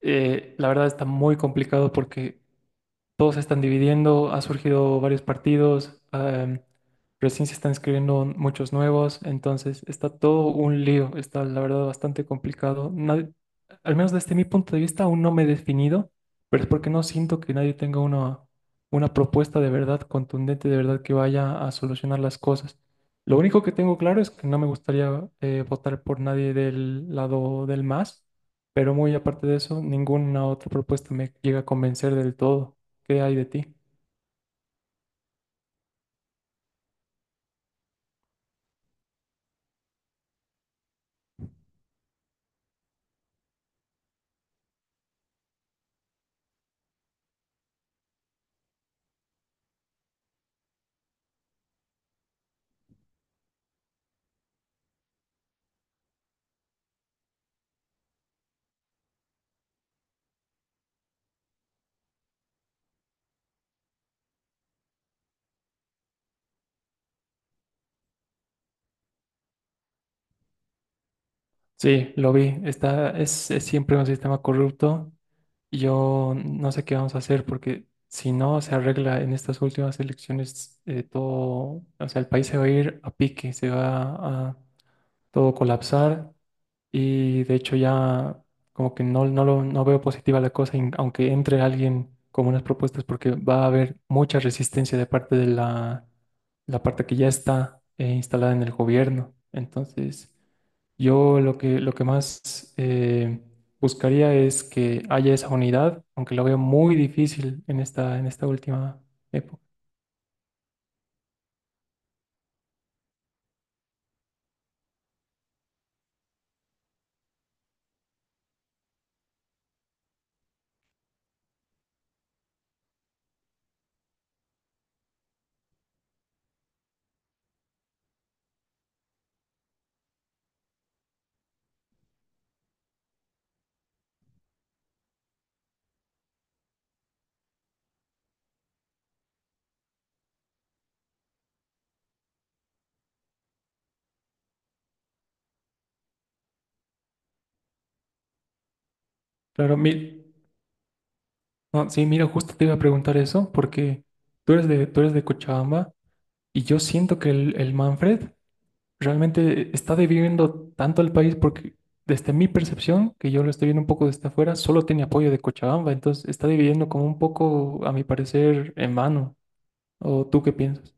La verdad está muy complicado porque todos se están dividiendo, ha surgido varios partidos, recién se están escribiendo muchos nuevos, entonces está todo un lío, está la verdad bastante complicado. Nadie- al menos desde mi punto de vista aún no me he definido, pero es porque no siento que nadie tenga una propuesta de verdad contundente, de verdad que vaya a solucionar las cosas. Lo único que tengo claro es que no me gustaría votar por nadie del lado del Más, pero muy aparte de eso, ninguna otra propuesta me llega a convencer del todo. ¿Qué hay de ti? Sí, lo vi. Es siempre un sistema corrupto. Yo no sé qué vamos a hacer porque si no se arregla en estas últimas elecciones, todo, o sea, el país se va a ir a pique, se va a todo colapsar y de hecho ya como que no veo positiva la cosa, in- aunque entre alguien con unas propuestas porque va a haber mucha resistencia de parte de la parte que ya está instalada en el gobierno. Entonces... lo que más buscaría es que haya esa unidad, aunque lo veo muy difícil en en esta última época. Claro, mi- no, sí, mira, justo te iba a preguntar eso, porque tú eres de Cochabamba y yo siento que el Manfred realmente está dividiendo tanto al país porque desde mi percepción, que yo lo estoy viendo un poco desde afuera, solo tiene apoyo de Cochabamba, entonces está dividiendo como un poco, a mi parecer, en mano. ¿O tú qué piensas?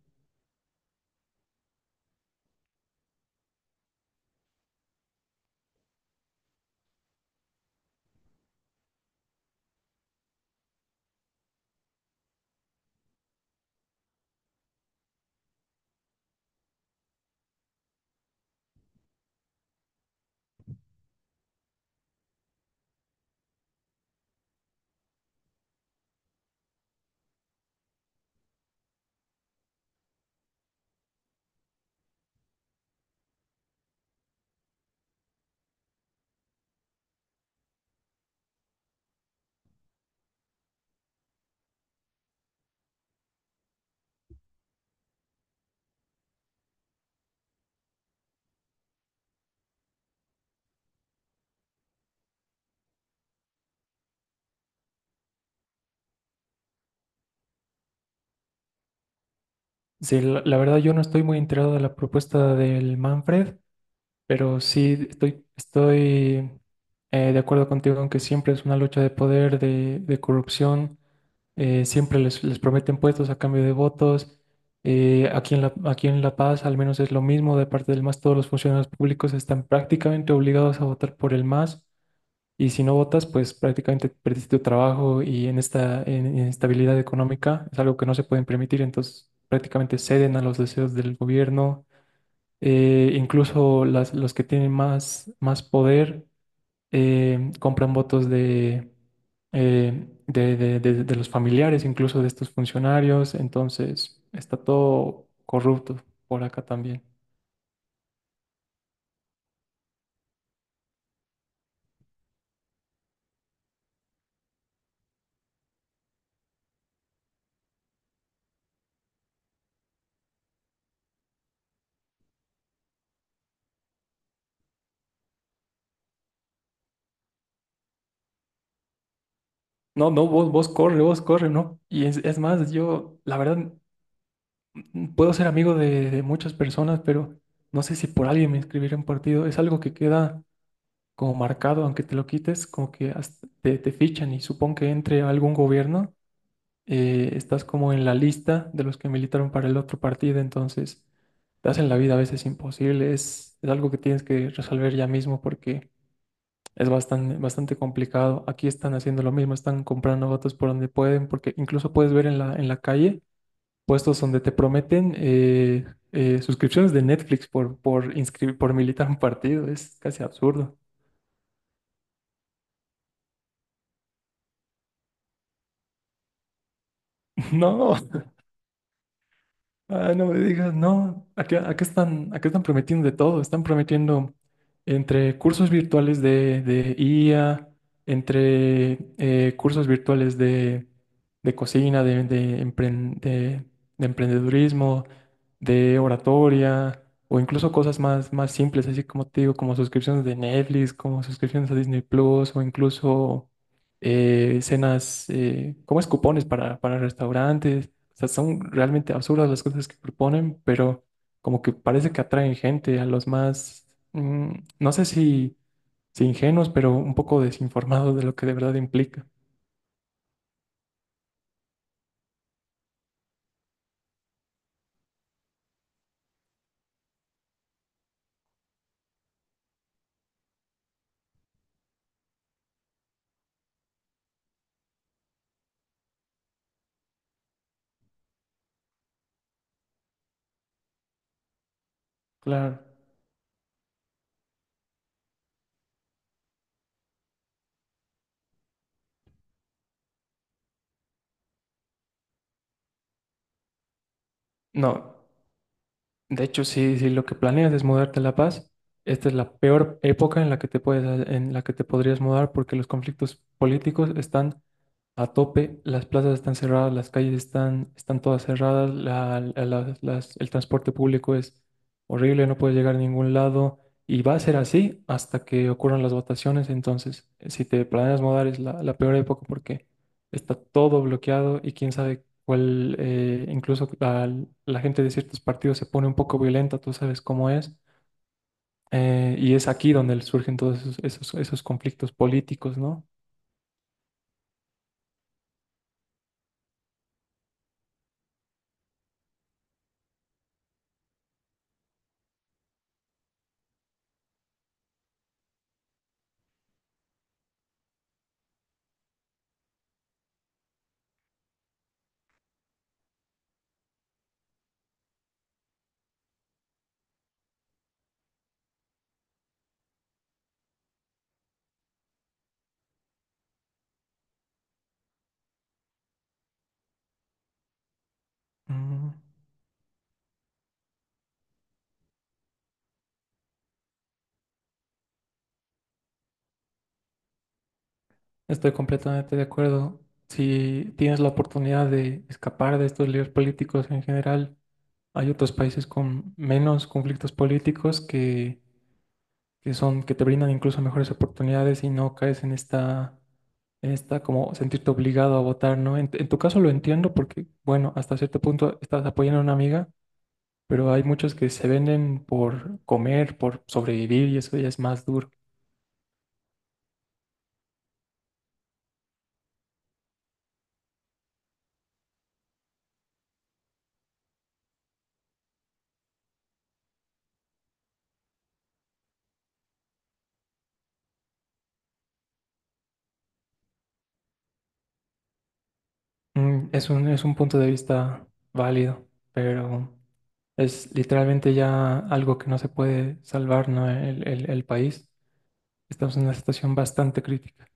Sí, la verdad yo no estoy muy enterado de la propuesta del Manfred, pero sí estoy de acuerdo contigo aunque siempre es una lucha de poder, de corrupción, eh, siempre les prometen puestos a cambio de votos. Eh, aquí en La Paz al menos es lo mismo, de parte del MAS todos los funcionarios públicos están prácticamente obligados a votar por el MAS, y si no votas, pues prácticamente perdiste tu trabajo, y en esta en- inestabilidad económica es algo que no se pueden permitir, entonces prácticamente ceden a los deseos del gobierno. Incluso los que tienen más poder compran votos de los familiares, incluso de estos funcionarios, entonces está todo corrupto por acá también. No, no, vos, vos corre, ¿no? Y es más, yo, la verdad... Puedo ser amigo de muchas personas, pero no sé si por alguien me inscribiré en un partido. Es algo que queda como marcado, aunque te lo quites, como que hasta te fichan y supongo que entre algún gobierno, estás como en la lista de los que militaron para el otro partido, entonces te hacen la vida a veces imposible. Es algo que tienes que resolver ya mismo porque es bastante complicado. Aquí están haciendo lo mismo, están comprando votos por donde pueden, porque incluso puedes ver en en la calle puestos donde te prometen suscripciones de Netflix por inscribir, por militar un partido. Es casi absurdo. No. Ah, no me digas, no. Acá están prometiendo de todo. Están prometiendo entre cursos virtuales de IA, entre cursos virtuales de cocina, de emprendedurismo, de oratoria, o incluso cosas más, más simples, así como te digo, como suscripciones de Netflix, como suscripciones a Disney Plus, o incluso cenas, como es cupones para restaurantes. O sea, son realmente absurdas las cosas que proponen, pero como que parece que atraen gente a los más, mm, no sé si, si ingenuos, pero un poco desinformados de lo que de verdad implica. Claro. No, de hecho, si, si lo que planeas es mudarte a La Paz, esta es la peor época en la que te en la que te podrías mudar porque los conflictos políticos están a tope, las plazas están cerradas, las calles están todas cerradas, el transporte público es horrible, no puedes llegar a ningún lado y va a ser así hasta que ocurran las votaciones. Entonces, si te planeas mudar es la peor época porque está todo bloqueado y quién sabe cuál, eh, incluso la gente de ciertos partidos se pone un poco violenta, tú sabes cómo es. Y es aquí donde surgen todos esos conflictos políticos, ¿no? Mm. Estoy completamente de acuerdo. Si tienes la oportunidad de escapar de estos líderes políticos en general, hay otros países con menos conflictos políticos que te brindan incluso mejores oportunidades y no caes en en esta como sentirte obligado a votar, ¿no? En tu caso lo entiendo porque, bueno, hasta cierto punto estás apoyando a una amiga, pero hay muchos que se venden por comer, por sobrevivir, y eso ya es más duro. Mm, es es un punto de vista válido, pero es literalmente ya algo que no se puede salvar, ¿no? El país. Estamos en una situación bastante crítica.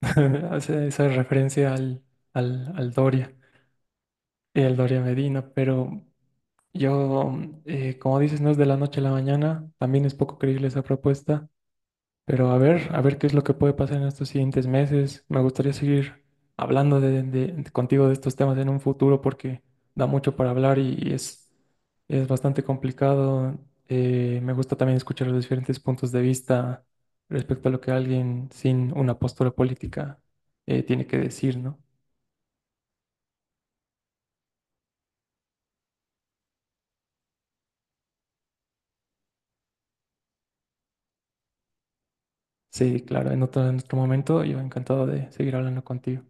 Hace esa referencia al Doria y al Doria Medina, pero yo, mm, como dices, no es de la noche a la mañana, también es poco creíble esa propuesta. Pero a ver qué es lo que puede pasar en estos siguientes meses. Me gustaría seguir hablando contigo de estos temas en un futuro porque da mucho para hablar y, es bastante complicado. Me gusta también escuchar los diferentes puntos de vista respecto a lo que alguien sin una postura política tiene que decir, ¿no? Sí, claro, en otro momento yo encantado de seguir hablando contigo.